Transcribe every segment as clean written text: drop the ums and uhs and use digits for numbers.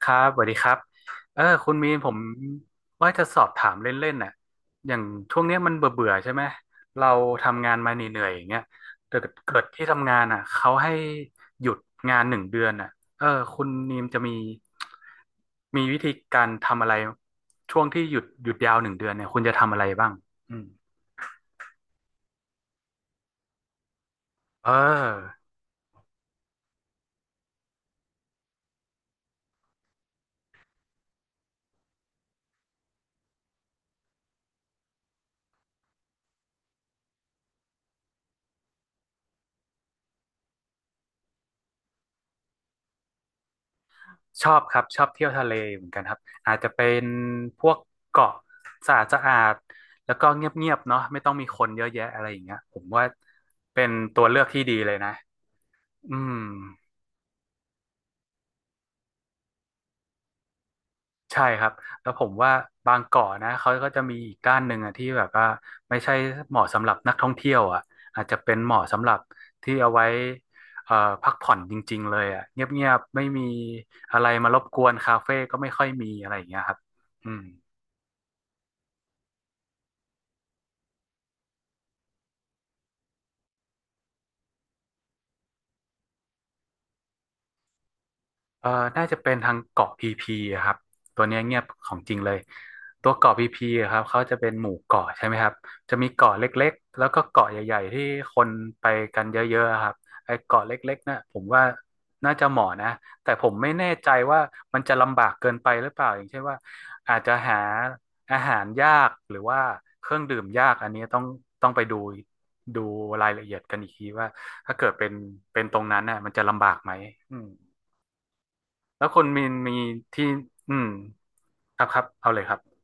ครับสวัสดีครับคุณมีนผมว่าจะสอบถามเล่นๆน่ะอย่างช่วงเนี้ยมันเบื่อๆใช่ไหมเราทำงานมาเหนื่อยๆอย่างเงี้ยแต่เกิดที่ทำงานอ่ะเขาให้หยุดงานหนึ่งเดือนอ่ะเออคุณนีมจะมีวิธีการทำอะไรช่วงที่หยุดยาวหนึ่งเดือนเนี่ยคุณจะทำอะไรบ้างอืมเออ ชอบครับชอบเที่ยวทะเลเหมือนกันครับอาจจะเป็นพวกเกาะสะอาดสะอาดแล้วก็เงียบๆเนาะไม่ต้องมีคนเยอะแยะอะไรอย่างเงี้ยผมว่าเป็นตัวเลือกที่ดีเลยนะอืมใช่ครับแล้วผมว่าบางเกาะนะเขาก็จะมีอีกด้านหนึ่งอะที่แบบว่าไม่ใช่เหมาะสำหรับนักท่องเที่ยวอ่ะอาจจะเป็นเหมาะสำหรับที่เอาไว้เอ่อพักผ่อนจริงๆเลยอ่ะเงียบๆไม่มีอะไรมารบกวนคาเฟ่ก็ไม่ค่อยมีอะไรอย่างเงี้ยครับอืม เอ่อน่าจะเป็นทางเกาะพีพีอะครับ ตัวเนี้ยเงียบของจริงเลย ตัวเกาะพีพีอะครับเขาจะเป็นหมู่เกาะใช่ไหมครับ จะมีเกาะเล็กๆ แล้วก็เกาะใหญ่ๆที่คนไปกันเยอะๆอะครับไอ้เกาะเล็กๆน่ะผมว่าน่าจะเหมาะนะแต่ผมไม่แน่ใจว่ามันจะลำบากเกินไปหรือเปล่าอย่างเช่นว่าอาจจะหาอาหารยากหรือว่าเครื่องดื่มยากอันนี้ต้องไปดูรายละเอียดกันอีกทีว่าถ้าเกิดเป็นตรงนั้นน่ะมันจะลำบากไหมอืม แล้วคุณมีนมีที่อืมครับครับเอาเลยครับ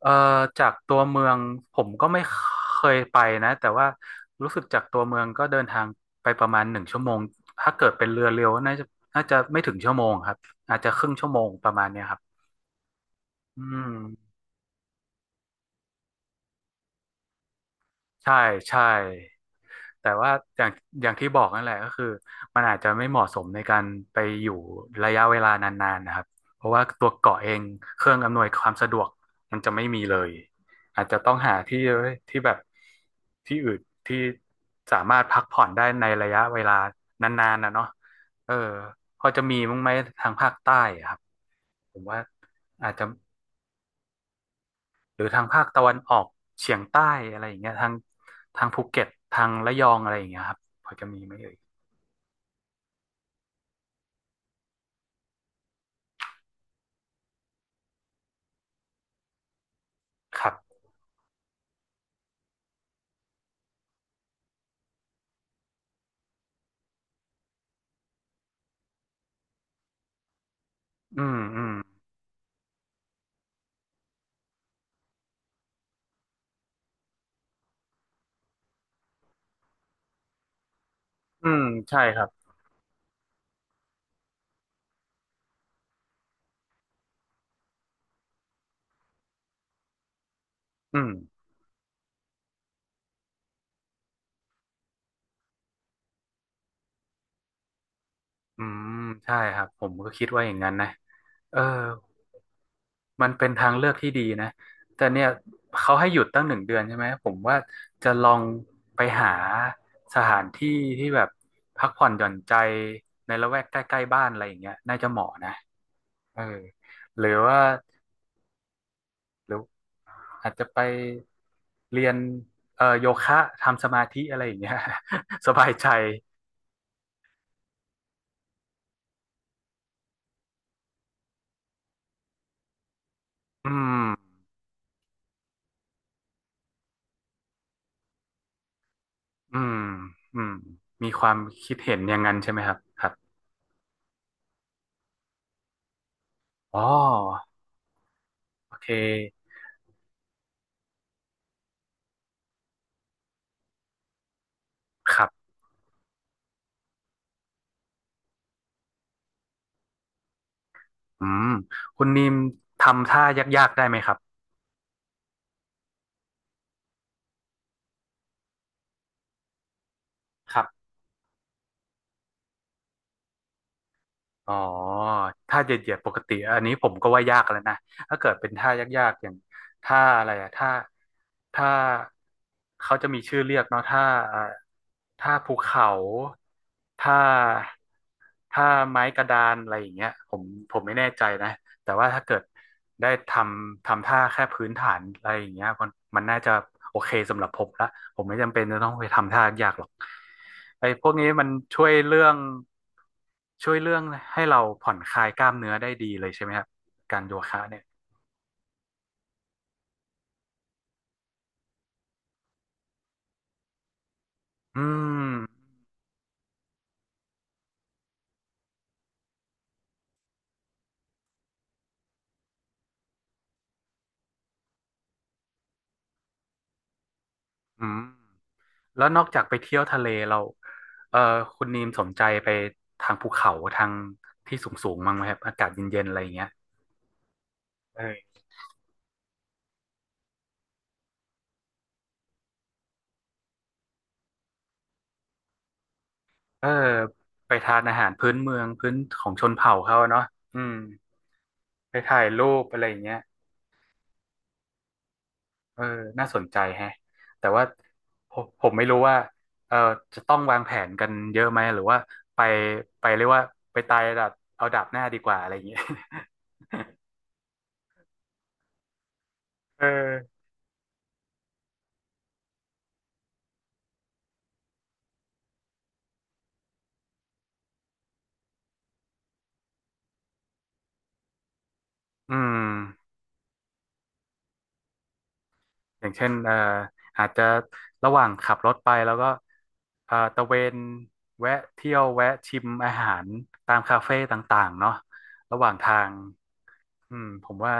เอ่อจากตัวเมืองผมก็ไม่เคยไปนะแต่ว่ารู้สึกจากตัวเมืองก็เดินทางไปประมาณ1 ชั่วโมงถ้าเกิดเป็นเรือเร็วน่าจะไม่ถึงชั่วโมงครับอาจจะครึ่งชั่วโมงประมาณเนี้ยครับอืมใช่ใช่ แต่ว่าอย่างอย่างที่บอกนั่นแหละก็คือมันอาจจะไม่เหมาะสมในการไปอยู่ระยะเวลานานๆนะครับเพราะว่าตัวเกาะเองเครื่องอำนวยความสะดวกมันจะไม่มีเลยอาจจะต้องหาที่ที่แบบที่อื่นที่สามารถพักผ่อนได้ในระยะเวลานานๆนะเนาะเออพอจะมีมั้งไหมทางภาคใต้อะครับผมว่าอาจจะหรือทางภาคตะวันออกเฉียงใต้อะไรอย่างเงี้ยทางภูเก็ตทางระยองอะไรอย่างเงี้ยครับพอจะมีไหมเอ่ย ครับอืมอืมอืมใช่ครับอืมอืม ใช่ครับ ผมก็คิดว่าอย่างนั้นนะเออมันเป็นทางเลือกที่ดีนะ แต่เนี่ยเขาให้หยุดตั้งหนึ่งเดือนใช่ไหม ผมว่าจะลองไปหาสถานที่ที่แบบพักผ่อนหย่อนใจในละแวกใกล้ๆบ้านอะไรอย่างเงี้ยน่าจะเหมาะนะเออหรือว่าหรืออาจจะไปเรียนโยคะทำสมาธิอะไรอย่างเงี้ย สบายใจอืม อืมอืมมีความคิดเห็นอย่างนั้นใช่ไหมครับครับอ๋อโอเคครับอืมคุณนิมทำท่ายากๆได้ไหมครับครับอ๋อท่าเหยียดๆปกติอันนี้ผมก็ว่ายากแล้วนะถ้าเกิดเป็นท่ายากๆอย่างท่าอะไรอะท่าเขาจะมีชื่อเรียกเนาะท่าเอ่อท่าภูเขาท่าท่าไม้กระดานอะไรอย่างเงี้ยผมไม่แน่ใจนะ แต่ว่าถ้าเกิดได้ทำท่าแค่พื้นฐานอะไรอย่างเงี้ยมันน่าจะโอเคสำหรับผมละผมไม่จำเป็นจะต้องไปทำท่ายากหรอกไอ้พวกนี้มันช่วยเรื่องช่วยเรื่องให้เราผ่อนคลายกล้ามเนื้อได้ดีเลยใช่ไหมครับการโยคะเนี่ยอืมอืมแล้วนอกจากไปเที่ยวทะเลเราเออคุณนีมสนใจไปทางภูเขาทางที่สูงสูงมั้งไหมครับอากาศเย็นๆอะไรอย่างเงี้ยเออ เออไปทานอาหารพื้นเมืองพื้นของชนเผ่าเขาอะเนาะอืมไปถ่ายรูปอะไรอย่างเงี้ยเออน่าสนใจแฮะแต่ว่าผมไม่รู้ว่าเออจะต้องวางแผนกันเยอะไหมหรือว่าไปไปเรียกว่าไปตายดับเอาดับหน้าดีกว่าอะไรอย่างเงี้ย เอออืมอย่างเช่นอาจจะระหว่างขับรถไปแล้วก็ตะเวนแวะเที่ยวแวะชิมอาหารตามคาเฟ่ต่างๆเนาะระหว่างทาง อืมผมว่า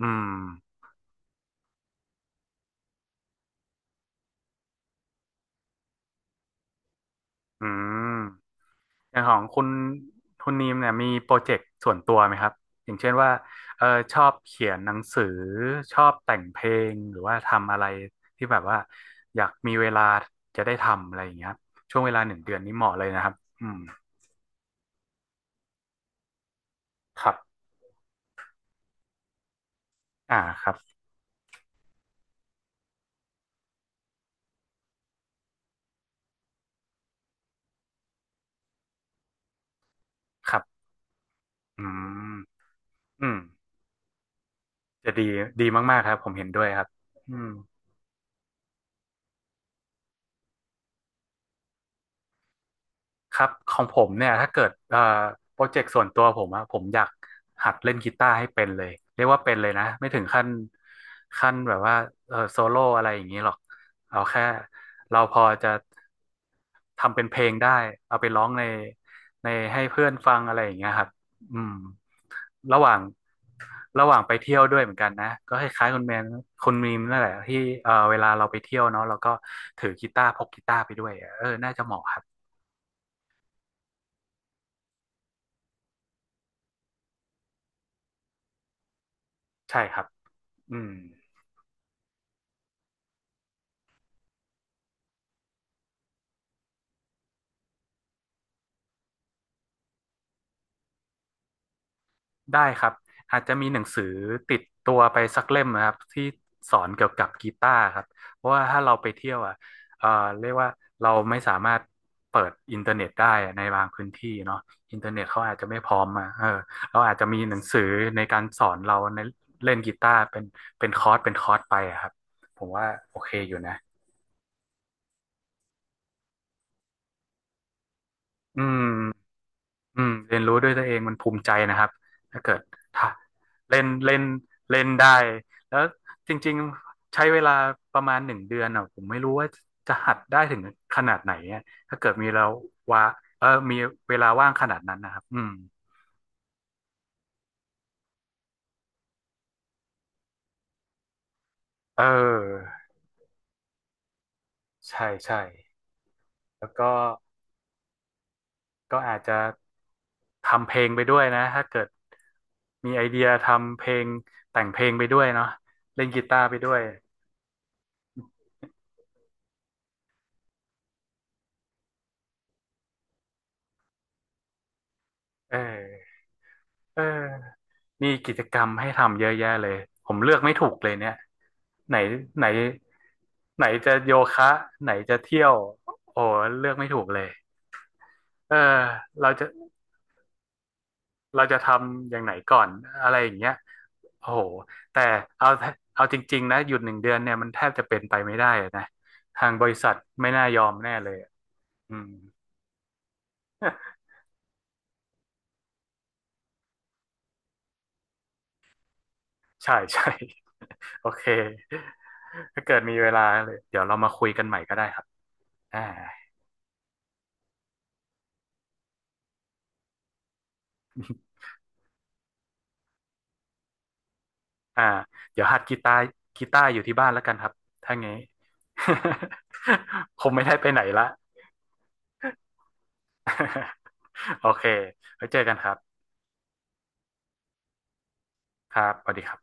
อืมอืมอย่างของคุณนีมเนี่ยมีโปรเจกต์ส่วนตัวไหมครับอย่างเช่นว่าเออชอบเขียนหนังสือชอบแต่งเพลงหรือว่าทำอะไรที่แบบว่าอยากมีเวลาจะได้ทำอะไรอย่างเงี้ยครับช่วงเวลาหนึ่งเดือนนี้เหมาะเลยนะครับอืมครับอ่าครับครับอืมอืมจะดีดีมากๆครับผมเห็นด้วยครับอืม ครับของผมเนี่ยถ้าเกิดโปรเจกต์ส่วนตัวผมอะผมอยากหัดเล่นกีตาร์ให้เป็นเลยเรียกว่าเป็นเลยนะไม่ถึงขั้นแบบว่าเออโซโล่อะไรอย่างนี้หรอกเอาแค่เราพอจะทำเป็นเพลงได้เอาไปร้องในให้เพื่อนฟังอะไรอย่างเงี้ยครับอืมระหว่างระหว่างไปเที่ยวด้วยเหมือนกันนะก็คล้ายๆคุณแมนคุณมีมนั่นแหละที่เออเวลาเราไปเที่ยวเนาะเราก็ถือกีตาร์พกกีตาร์ไปด้วยอะเออน่าจะเหมาะครับใช่ครับอืม ได้ครับอาจจะมีหนังสือติดตัวไปสักเล่มนะครับที่สอนเกี่ยวกับกีตาร์ครับเพราะว่าถ้าเราไปเที่ยวอ่ะเอ่อเรียกว่าเราไม่สามารถเปิดอินเทอร์เน็ตได้ในบางพื้นที่เนาะอินเทอร์เน็ตเขาอาจจะไม่พร้อมอ่ะเออเราอาจจะมีหนังสือในการสอนเราในเล่นกีตาร์เป็นเป็นคอร์สไปอะครับผมว่าโอเคอยู่นะอืม อืมเรียนรู้ด้วยตัวเองมันภูมิใจนะครับถ้าเกิดถ้าเล่นเล่นเล่นได้แล้วจริงๆใช้เวลาประมาณหนึ่งเดือนอ่ะผมไม่รู้ว่าจะหัดได้ถึงขนาดไหนอะถ้าเกิดมีเราว่าเออมีเวลาว่างขนาดนั้นนะครับอืมเออใช่ใช่แล้วก็ก็อาจจะทำเพลงไปด้วยนะถ้าเกิดมีไอเดียทำเพลงแต่งเพลงไปด้วยเนาะเล่นกีตาร์ไปด้วยเออ มีกิจกรรมให้ทำเยอะแยะเลยผมเลือกไม่ถูกเลยเนี่ยไหนไหนไหนจะโยคะไหนจะเที่ยวโอ้เลือกไม่ถูกเลยเออเราจะทำอย่างไหนก่อนอะไรอย่างเงี้ยโอ้โหแต่เอาเอาจริงๆนะหยุดหนึ่งเดือนเนี่ยมันแทบจะเป็นไปไม่ได้อะนะทางบริษัทไม่น่ายอมแน่เลยอะอืม ใช่ใช่โอเคถ้าเกิดมีเวลาเลยเดี๋ยวเรามาคุยกันใหม่ก็ได้ครับอ่า อ่าเดี๋ยวหัดกีตาร์อยู่ที่บ้านแล้วกันครับถ้างี้ คงไม่ได้ไปไหนละ โอเคไว้เจอกันครับครับสวัสดีครับ